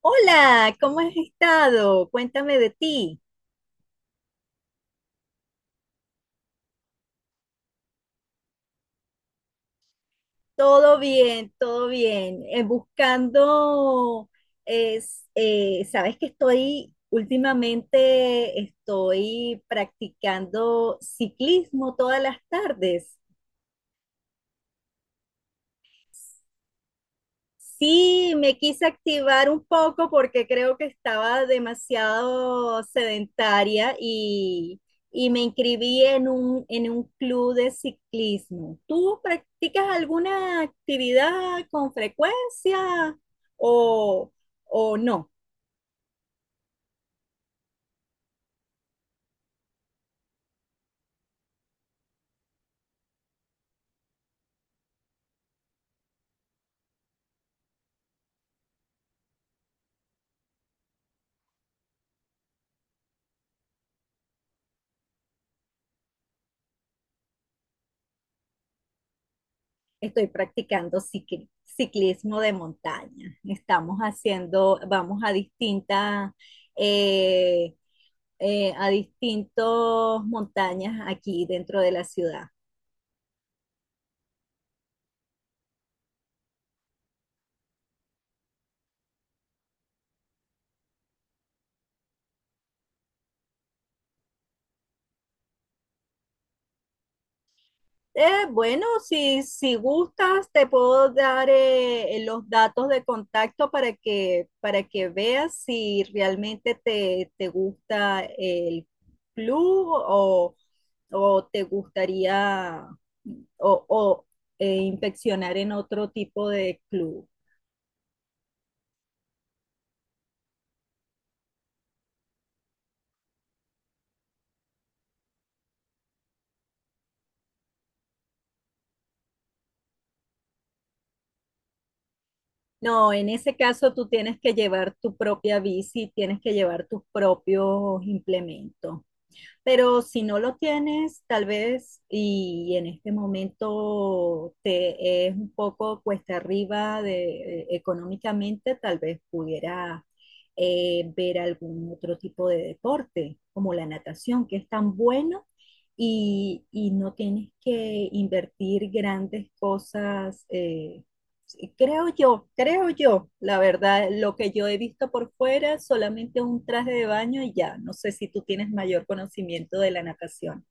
Hola, ¿cómo has estado? Cuéntame de ti. Todo bien, todo bien. Buscando, sabes que últimamente estoy practicando ciclismo todas las tardes. Sí, me quise activar un poco porque creo que estaba demasiado sedentaria y, me inscribí en en un club de ciclismo. ¿Tú practicas alguna actividad con frecuencia o, o no? Estoy practicando ciclismo de montaña. Estamos haciendo, vamos a distintas, eh, a distintos montañas aquí dentro de la ciudad. Bueno, si, si gustas, te puedo dar los datos de contacto para que veas si realmente te gusta el club o te gustaría o, inspeccionar en otro tipo de club. No, en ese caso tú tienes que llevar tu propia bici, tienes que llevar tus propios implementos. Pero si no lo tienes, tal vez, y en este momento te es un poco cuesta arriba de, económicamente, tal vez pudiera ver algún otro tipo de deporte, como la natación, que es tan bueno y, no tienes que invertir grandes cosas sí. Creo yo, la verdad, lo que yo he visto por fuera, solamente un traje de baño y ya. No sé si tú tienes mayor conocimiento de la natación.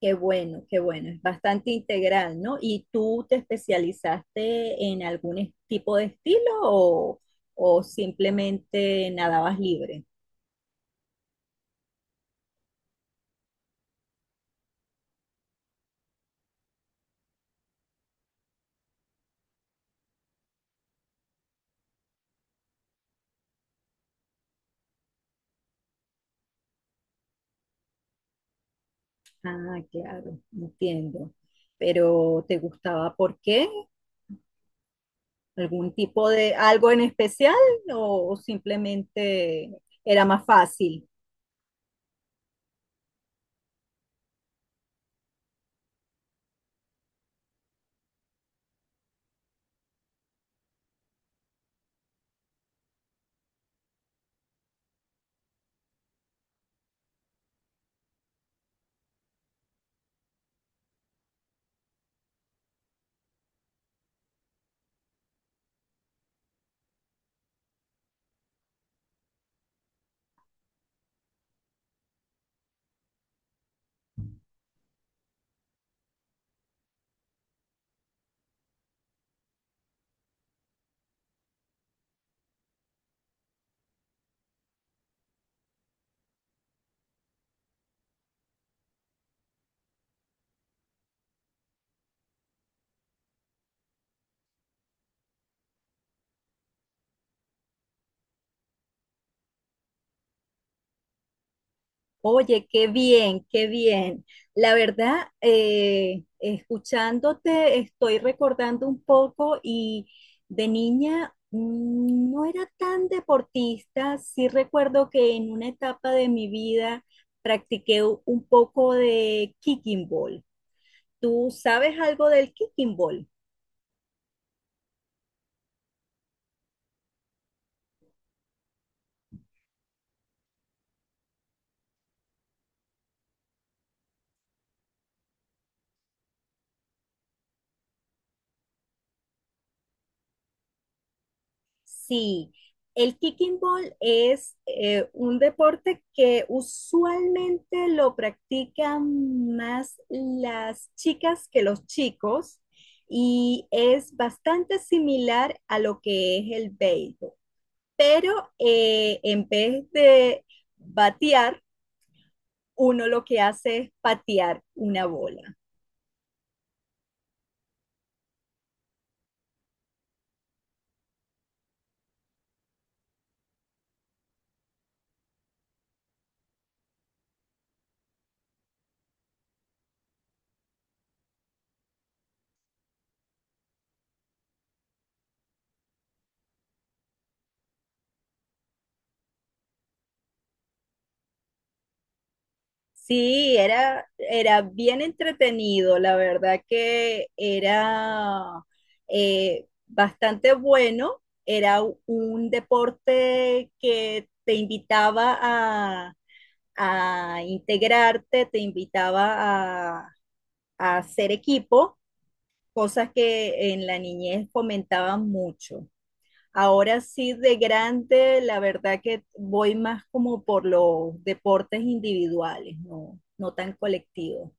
Qué bueno, es bastante integral, ¿no? ¿Y tú te especializaste en algún tipo de estilo o simplemente nadabas libre? Ah, claro, entiendo. Pero ¿te gustaba por qué? ¿Algún tipo de algo en especial o simplemente era más fácil? Oye, qué bien, qué bien. La verdad, escuchándote, estoy recordando un poco y de niña no era tan deportista. Sí recuerdo que en una etapa de mi vida practiqué un poco de kicking ball. ¿Tú sabes algo del kicking ball? Sí, el kicking ball es un deporte que usualmente lo practican más las chicas que los chicos y es bastante similar a lo que es el béisbol. Pero en vez de batear, uno lo que hace es patear una bola. Sí, era bien entretenido, la verdad que era bastante bueno, era un deporte que te invitaba a, integrarte, te invitaba a, hacer equipo, cosas que en la niñez fomentaban mucho. Ahora sí, de grande, la verdad que voy más como por los deportes individuales, no, no tan colectivos.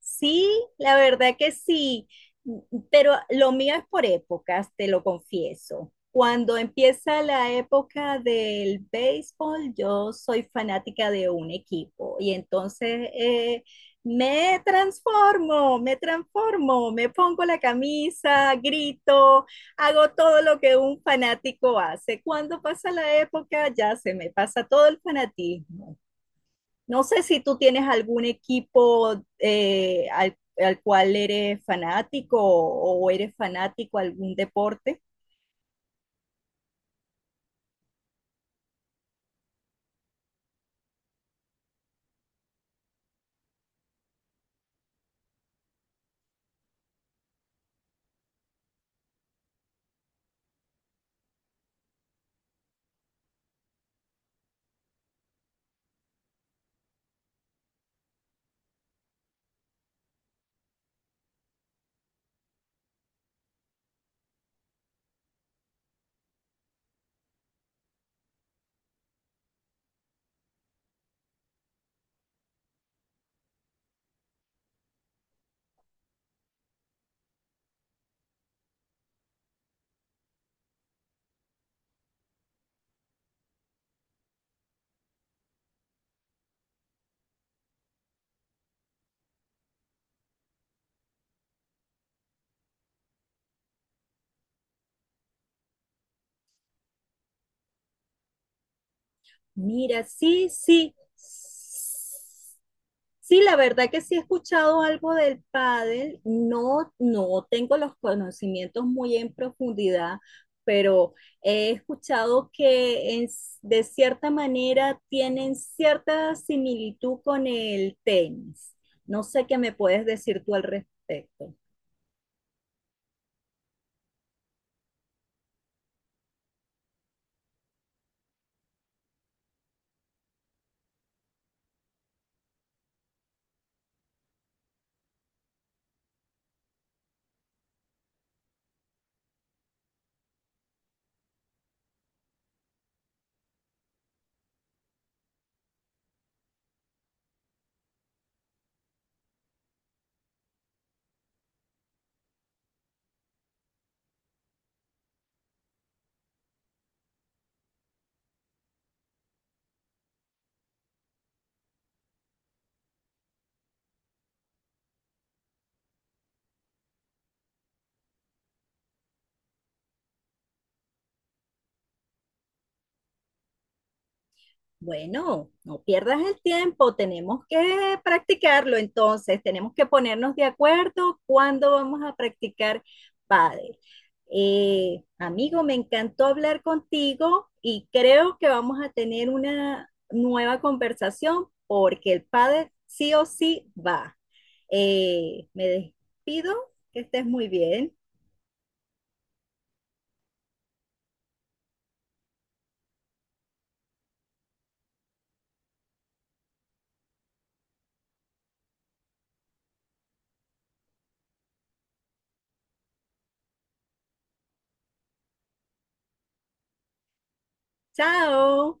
Sí, la verdad que sí, m- pero lo mío es por épocas, te lo confieso. Cuando empieza la época del béisbol, yo soy fanática de un equipo y entonces me transformo, me transformo, me pongo la camisa, grito, hago todo lo que un fanático hace. Cuando pasa la época, ya se me pasa todo el fanatismo. No sé si tú tienes algún equipo al, al cual eres fanático o eres fanático a algún deporte. Mira, sí, sí. Sí, la verdad que sí he escuchado algo del pádel. No, no tengo los conocimientos muy en profundidad, pero he escuchado que de cierta manera tienen cierta similitud con el tenis. No sé qué me puedes decir tú al respecto. Bueno, no pierdas el tiempo, tenemos que practicarlo entonces, tenemos que ponernos de acuerdo cuándo vamos a practicar pádel. Amigo, me encantó hablar contigo y creo que vamos a tener una nueva conversación porque el pádel sí o sí va. Me despido, que estés muy bien. Chao.